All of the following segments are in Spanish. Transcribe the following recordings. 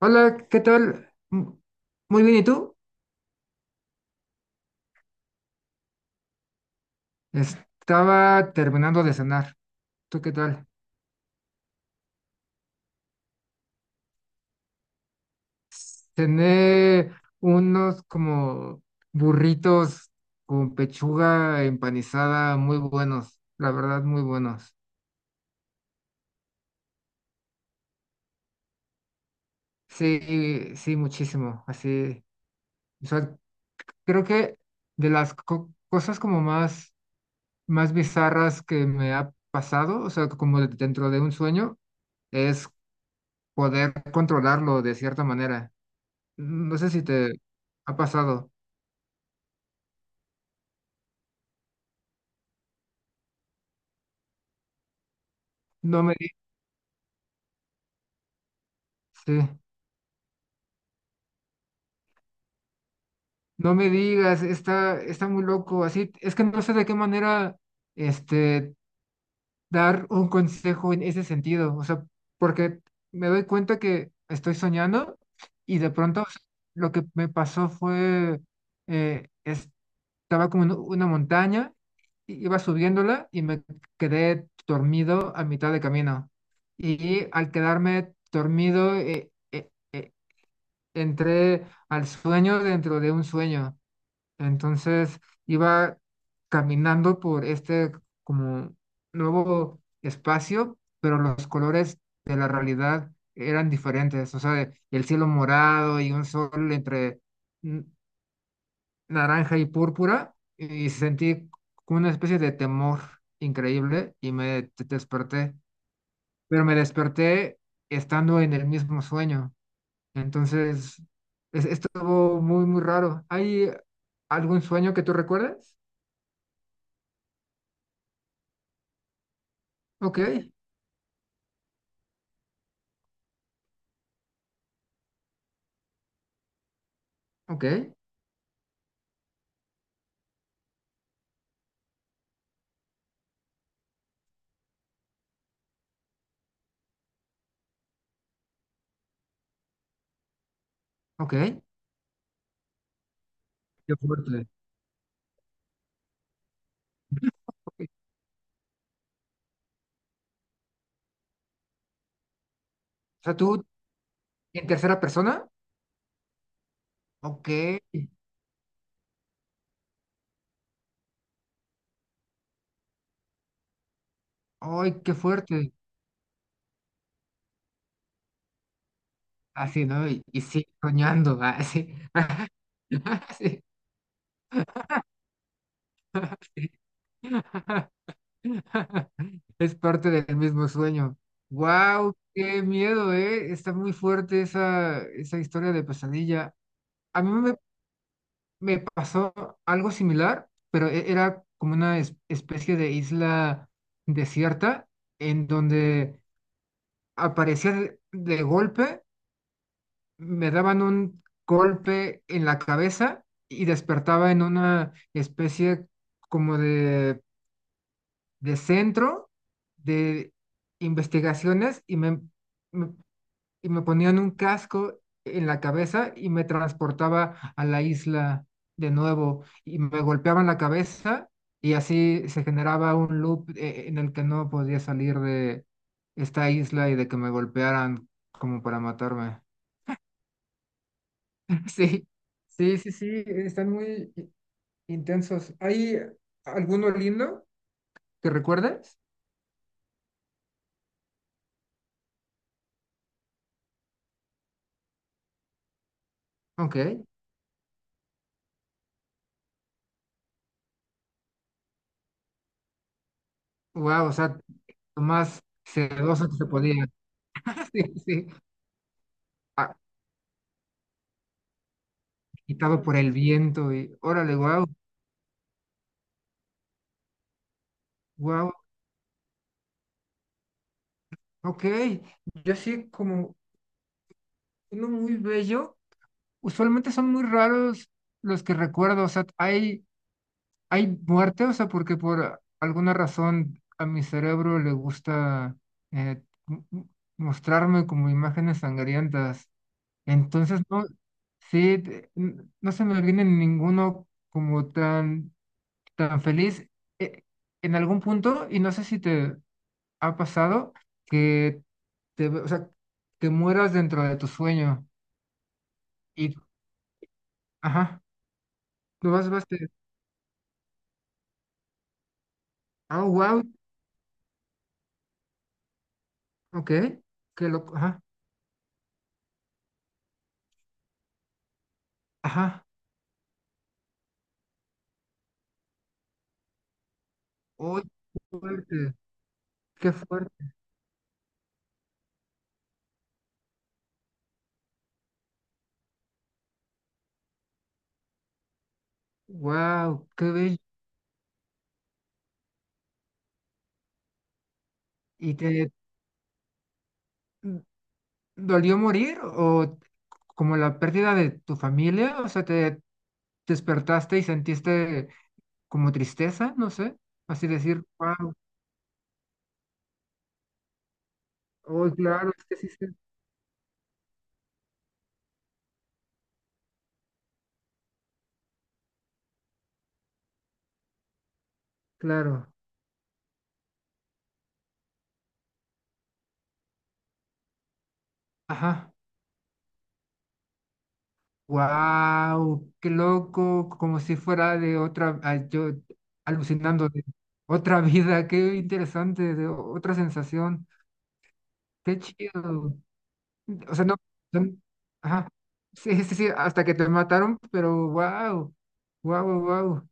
Hola, ¿qué tal? Mm, muy bien, ¿y tú? Estaba terminando de cenar. ¿Tú qué tal? Cené unos como burritos con pechuga empanizada muy buenos, la verdad, muy buenos. Sí, sí, muchísimo. Así, o sea, creo que de las cosas como más, más bizarras que me ha pasado, o sea, como dentro de un sueño, es poder controlarlo de cierta manera. No sé si te ha pasado. No me, di- sí. No me digas, está, está muy loco. Así, es que no sé de qué manera este, dar un consejo en ese sentido. O sea, porque me doy cuenta que estoy soñando y de pronto o sea, lo que me pasó fue, estaba como en una montaña, iba subiéndola y me quedé dormido a mitad de camino. Y al quedarme dormido, entré al sueño dentro de un sueño. Entonces iba caminando por este como nuevo espacio, pero los colores de la realidad eran diferentes. O sea, el cielo morado y un sol entre n- naranja y púrpura, y sentí como una especie de temor increíble y me desperté. Pero me desperté estando en el mismo sueño. Entonces, estuvo muy, muy raro. ¿Hay algún sueño que tú recuerdes? Ok, ok, ok. Qué fuerte. Ok. O sea, tú en tercera persona. Ok. Ay, qué fuerte. Así, ¿no? Y sí, soñando. Así. Así. Es parte del mismo sueño. Wow, qué miedo, ¿eh? Está muy fuerte esa, esa historia de pesadilla. A mí me Me pasó algo similar, pero era como una especie de isla desierta en donde aparecía de golpe, me daban un golpe en la cabeza y despertaba en una especie como de centro de investigaciones y me y me ponían un casco en la cabeza y me transportaba a la isla de nuevo y me golpeaban la cabeza y así se generaba un loop en el que no podía salir de esta isla y de que me golpearan como para matarme. Sí, sí, sí, sí, están muy intensos. ¿Hay alguno lindo que recuerdes? Ok, wow, o sea, lo más sedoso que se podía. Sí, sí. A- Agitado por el viento y órale, wow, wow, ok. Yo sí, como uno muy bello, usualmente son muy raros los que recuerdo, o sea, hay muerte, o sea, porque por alguna razón a mi cerebro le gusta eh, m- m- mostrarme como imágenes sangrientas. Entonces, no, sí, no se me viene ninguno como tan, tan feliz. eh, en algún punto, y no sé si te ha pasado que te, o sea, que mueras dentro de tu sueño y, ajá, lo ah, wow, ok, qué loco, ajá, ajá, oh, fuerte, qué fuerte, wow, qué bello, y te dolió morir o como la pérdida de tu familia, o sea, te despertaste y sentiste como tristeza, no sé, así decir, wow, oh, claro, es que sí, sí, claro, ajá. Wow, qué loco, como si fuera de otra, ah, yo alucinando de otra vida, qué interesante, de otra sensación, qué chido. O sea, no, no- ajá, sí, sí, sí, hasta que te mataron, pero wow, wow, wow,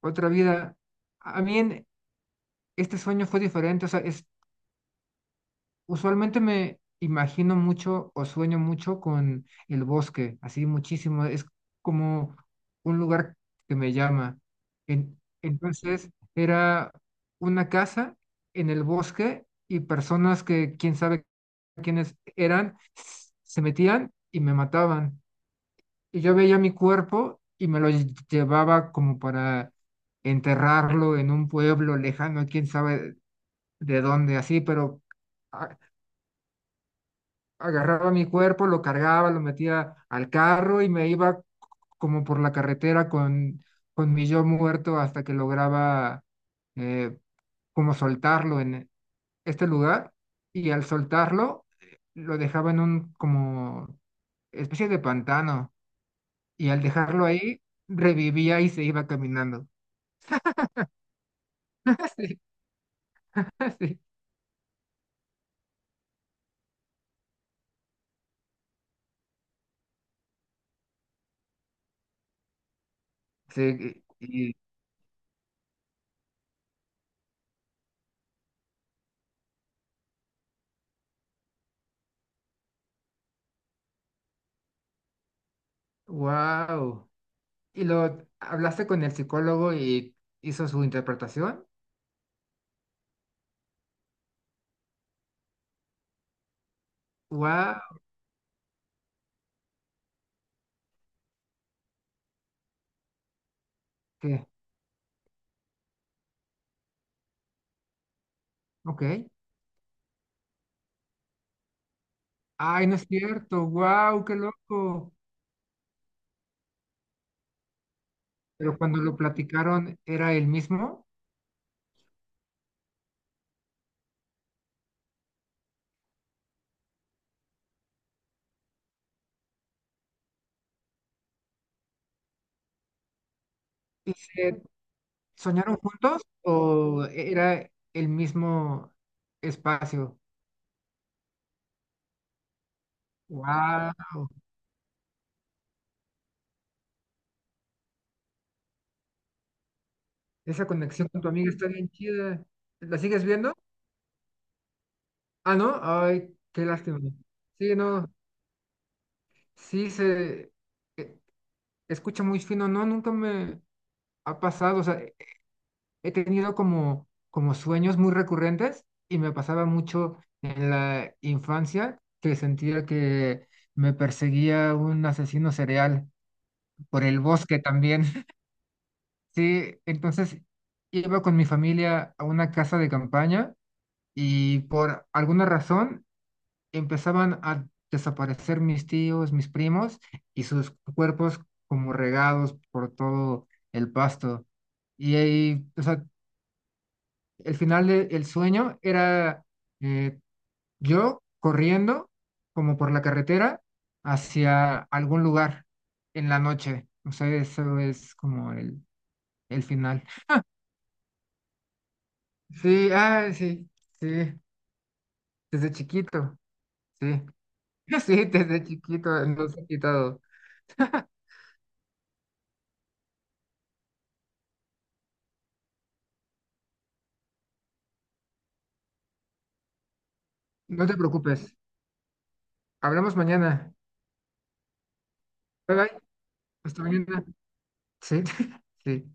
otra vida. A mí en- este sueño fue diferente, o sea, usualmente me imagino mucho o sueño mucho con el bosque, así muchísimo. Es como un lugar que me llama. Entonces era una casa en el bosque y personas que quién sabe quiénes eran se metían y me mataban. Y yo veía mi cuerpo y me lo llevaba como para enterrarlo en un pueblo lejano, quién sabe de dónde, así, pero... ah, agarraba mi cuerpo, lo cargaba, lo metía al carro y me iba como por la carretera con mi yo muerto hasta que lograba eh, como soltarlo en este lugar y al soltarlo lo dejaba en un como especie de pantano y al dejarlo ahí revivía y se iba caminando. Sí, sí, sí, y, wow. ¿Y lo hablaste con el psicólogo y hizo su interpretación? Wow. ¿Qué? Ok. Ay, no es cierto. Wow, qué loco. Pero cuando lo platicaron, ¿era el mismo? ¿Y se soñaron juntos o era el mismo espacio? Wow. Esa conexión con tu amiga está bien chida. ¿La sigues viendo? Ah, no. Ay, qué lástima. Sí, no. Sí, se eh, escucha muy fino. No, nunca me ha pasado. O sea, he tenido como, como sueños muy recurrentes y me pasaba mucho en la infancia que sentía que me perseguía un asesino serial por el bosque también. Sí, entonces iba con mi familia a una casa de campaña y por alguna razón empezaban a desaparecer mis tíos, mis primos y sus cuerpos como regados por todo el pasto. Y ahí, o sea, el final del sueño era eh, yo corriendo como por la carretera hacia algún lugar en la noche. O sea, eso es como el final. Sí, ah, sí, sí, desde chiquito, sí, sí, desde chiquito nos ha quitado. No te preocupes, hablamos mañana. Bye bye, hasta mañana. Sí, sí.